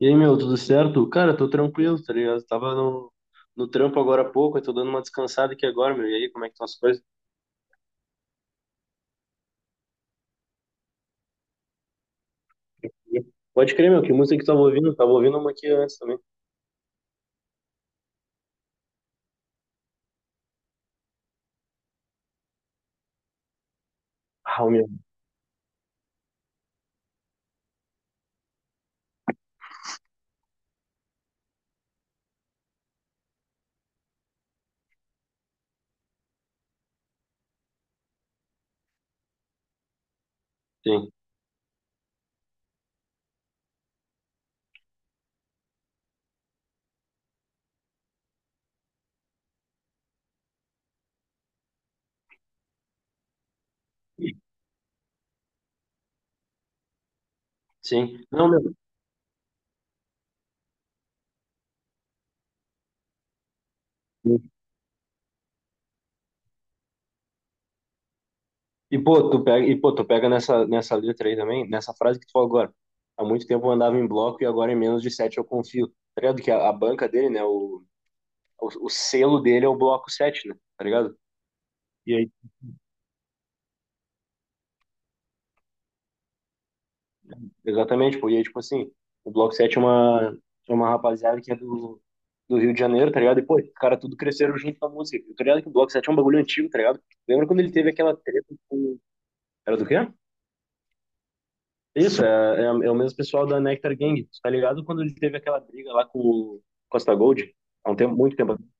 E aí, meu, tudo certo? Cara, tô tranquilo, tá ligado? Tava no trampo agora há pouco, eu tô dando uma descansada aqui agora, meu. E aí, como é que estão as coisas? Pode crer, meu, que música que tu tava ouvindo? Tava ouvindo uma aqui antes também. Ah, o meu. Sim. Sim. Não, meu. E pô, tu pega nessa letra aí também, nessa frase que tu falou agora. Há muito tempo eu andava em bloco e agora em menos de sete eu confio. Tá ligado? Que a banca dele, né? O selo dele é o bloco sete, né? Tá ligado? Exatamente, pô. E aí, tipo assim, o Bloco 7 é uma rapaziada que é do Rio de Janeiro, tá ligado? E, pô, os caras tudo cresceram junto com a música. Eu tô ligado que o Bloco 7 é um bagulho antigo, tá ligado? Lembra quando ele teve aquela treta com... Era do quê? Isso, é o mesmo pessoal da Nectar Gang, tu tá ligado? Quando ele teve aquela briga lá com o Costa Gold, há um tempo, muito tempo atrás.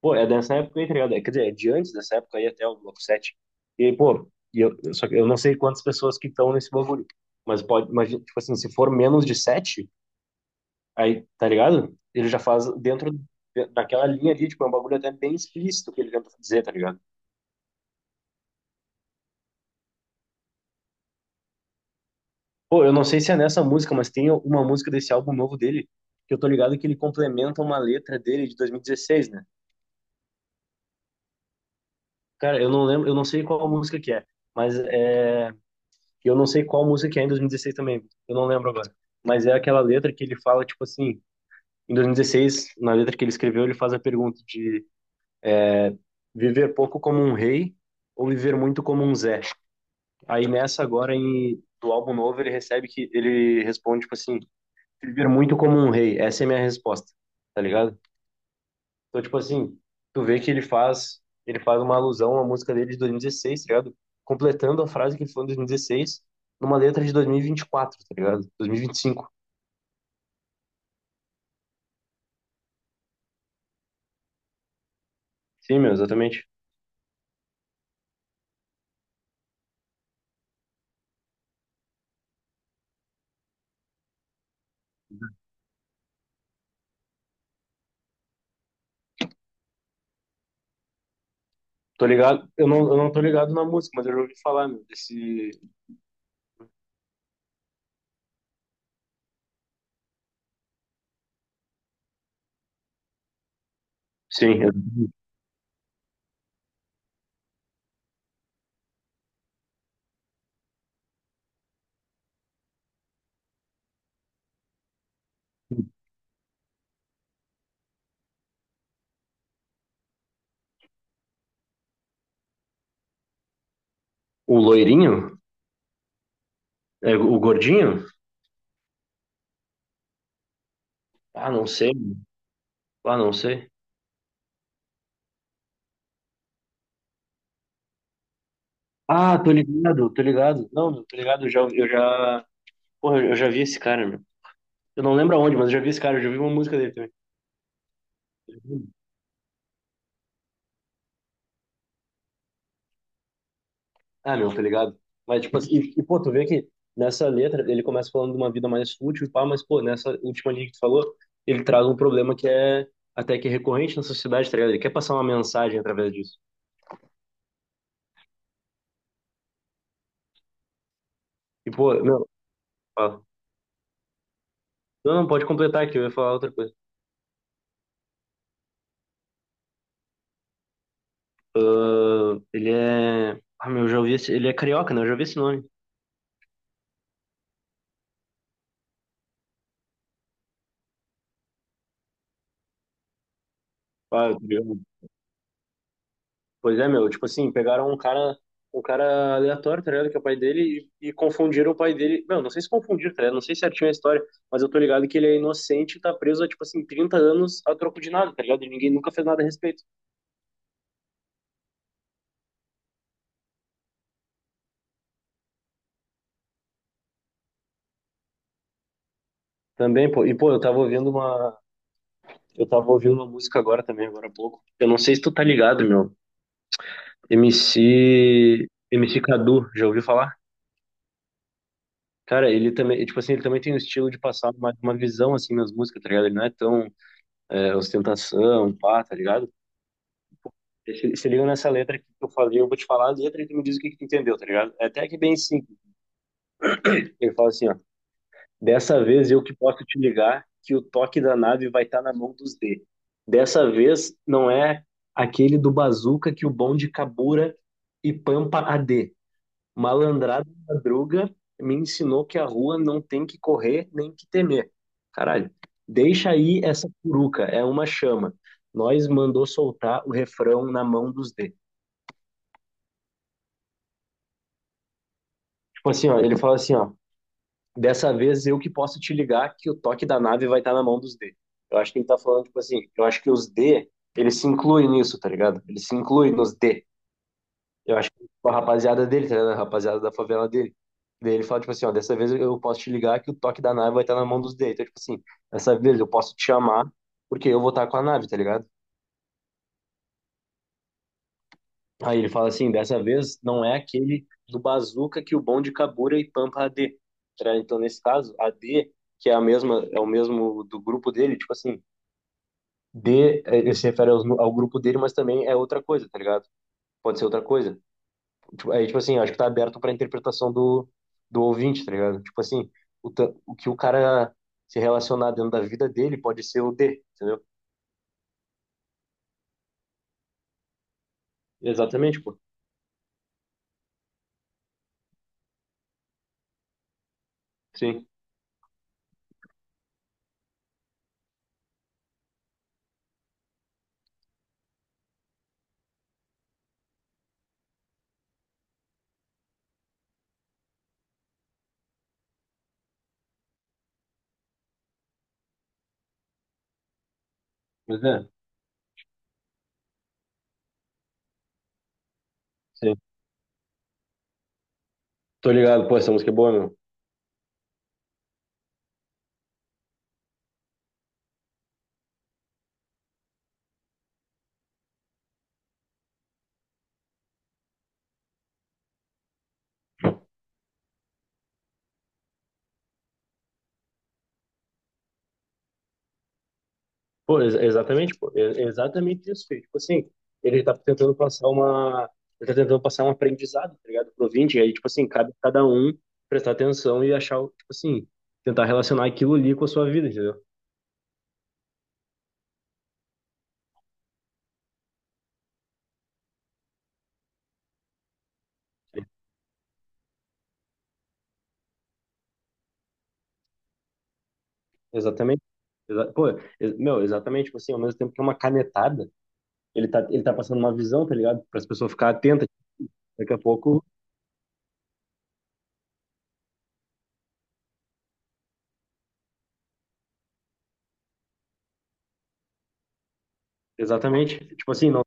Pô, é dessa época aí, tá ligado? É, quer dizer, é de antes dessa época aí até o Bloco 7. E aí, pô, só que eu não sei quantas pessoas que estão nesse bagulho, mas pode, imagina, tipo assim, se for menos de 7 aí, tá ligado? Ele já faz dentro daquela linha ali, tipo, é um bagulho até bem explícito que ele tenta dizer, tá ligado? Pô, eu não sei se é nessa música, mas tem uma música desse álbum novo dele, que eu tô ligado que ele complementa uma letra dele de 2016, né? Cara, eu não lembro, eu não sei qual música que é, mas é... Eu não sei qual música que é em 2016 também, eu não lembro agora. Mas é aquela letra que ele fala, tipo assim, em 2016, na letra que ele escreveu, ele faz a pergunta de viver pouco como um rei ou viver muito como um Zé. Aí nessa agora em, do álbum novo ele recebe que ele responde tipo assim, viver muito como um rei. Essa é a minha resposta, tá ligado? Então tipo assim, tu vê que ele faz uma alusão à música dele de 2016, tá ligado? Completando a frase que ele falou em 2016 numa letra de 2024, tá ligado? Dois mil e vinte e cinco. Sim, meu, exatamente. Tô ligado, eu não tô ligado na música, mas eu já ouvi falar, meu, desse... Sim, é o loirinho? É, o gordinho? Ah, não sei. Ah, não sei. Ah, tô ligado, tô ligado. Não, meu, tô ligado, eu já, porra, eu já vi esse cara, meu. Eu não lembro aonde, mas eu já vi esse cara, eu já vi uma música dele também. Ah, meu, tô ligado. Mas, tipo assim, pô, tu vê que nessa letra ele começa falando de uma vida mais fútil, e pá, mas, pô, nessa última linha que tu falou, ele traz um problema que é até que recorrente na sociedade, tá ligado? Ele quer passar uma mensagem através disso. E, pô, meu, fala. Não, não, pode completar aqui, eu ia falar outra coisa. Ah, ele é. Ah, meu, eu já ouvi esse. Ele é carioca, né? Eu já ouvi esse nome. Ah, pois é, meu, tipo assim, pegaram um cara aleatório, tá ligado? Que é o pai dele, e confundiram o pai dele. Meu, não sei se confundiram, tá ligado? Não sei certinho a história, mas eu tô ligado que ele é inocente e tá preso há, tipo assim, 30 anos a troco de nada, tá ligado? E ninguém nunca fez nada a respeito. Também, pô, e pô, eu tava ouvindo uma. Eu tava ouvindo uma música agora também, agora há pouco. Eu não sei se tu tá ligado, meu. M C M C Cadu, já ouviu falar? Cara, ele também, tipo assim, ele também tem um estilo de passar uma visão, assim, nas músicas, tá ligado? Ele não é tão é, ostentação, pá, tá ligado? Se se liga nessa letra aqui que eu falei, eu vou te falar a letra e tu me diz o que que tu entendeu, tá ligado? É até que bem simples. Ele fala assim, ó. Dessa vez eu que posso te ligar que o toque da nave vai estar na mão dos D. Dessa vez não é aquele do bazuca que o bonde cabura e pampa a D. Malandrada madruga me ensinou que a rua não tem que correr nem que temer. Caralho, deixa aí essa curuca, é uma chama. Nós mandou soltar o refrão na mão dos D. Tipo assim, ó, ele fala assim, ó, dessa vez eu que posso te ligar que o toque da nave vai estar na mão dos D. Eu acho que ele tá falando, tipo assim, eu acho que os D, eles se incluem nisso, tá ligado? Eles se incluem nos D. Eu acho que a rapaziada dele, tá ligado? A rapaziada da favela dele. Daí ele fala, tipo assim, ó, dessa vez eu posso te ligar que o toque da nave vai estar na mão dos D. Então, tipo assim, dessa vez eu posso te chamar porque eu vou estar com a nave, tá ligado? Aí ele fala assim, dessa vez não é aquele do Bazooka que o bom de Kabura e Pampa AD. Tá? Então, nesse caso, AD, que é a mesma, é o mesmo do grupo dele, tipo assim, D, eh, ele se refere aos nu- ao grupo dele, mas também é outra coisa, tá ligado? Pode ser outra coisa. Tipo, aí, tipo assim, acho que tá aberto pra interpretação do, do ouvinte, tá ligado? Tipo assim, o, ta- o que o cara se relacionar dentro da vida dele pode ser o D, entendeu? Exatamente, pô. Sim. Mas é, sim. Tô ligado, pô, essa música é boa, meu. Pô, ex- exatamente, pô, é é exatamente isso, filho. Tipo assim, ele tá tentando passar uma, ele tá tentando passar um aprendizado, tá ligado, pro ouvinte, e aí, tipo assim, cabe a cada um prestar atenção e achar, o- tipo assim, tentar relacionar aquilo ali com a sua vida, entendeu? Exatamente. Exa- pô, ex- meu, exatamente, tipo assim, ao mesmo tempo que é uma canetada, ele tá passando uma visão, tá ligado, para as pessoas ficarem atentas, daqui a pouco, exatamente, tipo assim, não,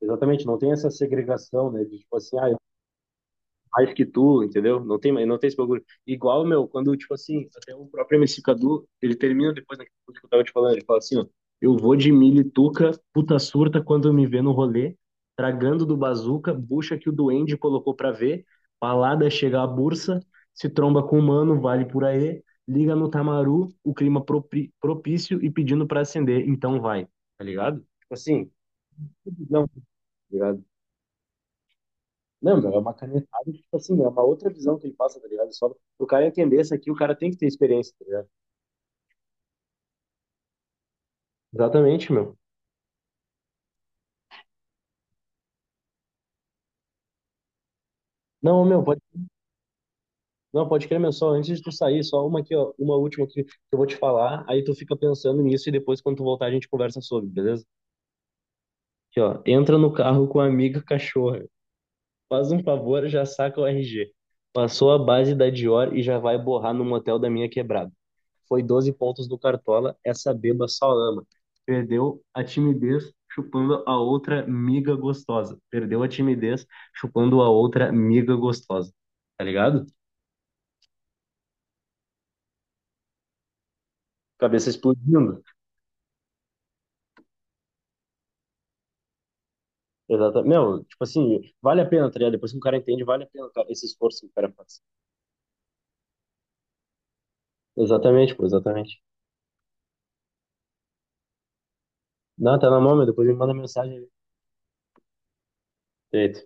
exatamente, não tem essa segregação, né, de, tipo assim, ah, mais que tu, entendeu? Não tem, não tem esse bagulho. Igual, meu, quando, tipo assim, até o próprio MC Cadu, ele termina depois daquele que eu tava te falando, ele fala assim, ó, eu vou de milho e tuca, puta surta quando me vê no rolê, tragando do bazuca, bucha que o duende colocou pra ver, palada chega a bursa, se tromba com o mano, vale por aí, liga no tamaru, o clima propri- propício e pedindo pra acender, então vai, tá ligado? Tipo assim, não, tá ligado? Não, meu, é uma canetada, tipo assim, é uma outra visão que ele passa, tá ligado? Só pro cara entender isso aqui, o cara tem que ter experiência, tá ligado? Exatamente, meu. Não, meu, pode, não, pode crer, meu, só antes de tu sair, só uma aqui, ó, uma última aqui que eu vou te falar, aí tu fica pensando nisso e depois quando tu voltar a gente conversa sobre, beleza? Aqui, ó, entra no carro com a amiga cachorra. Faz um favor, já saca o RG. Passou a base da Dior e já vai borrar no motel da minha quebrada. Foi 12 pontos do Cartola, essa beba só ama. Perdeu a timidez chupando a outra miga gostosa. Perdeu a timidez chupando a outra miga gostosa. Tá ligado? Cabeça explodindo. Exatamente. Meu, tipo assim, vale a pena, tá ligado? Depois que um cara entende, vale a pena cara, esse esforço que o cara faz. Exatamente, pô, exatamente. Não, tá na mão, meu. Depois me manda mensagem aí. Feito.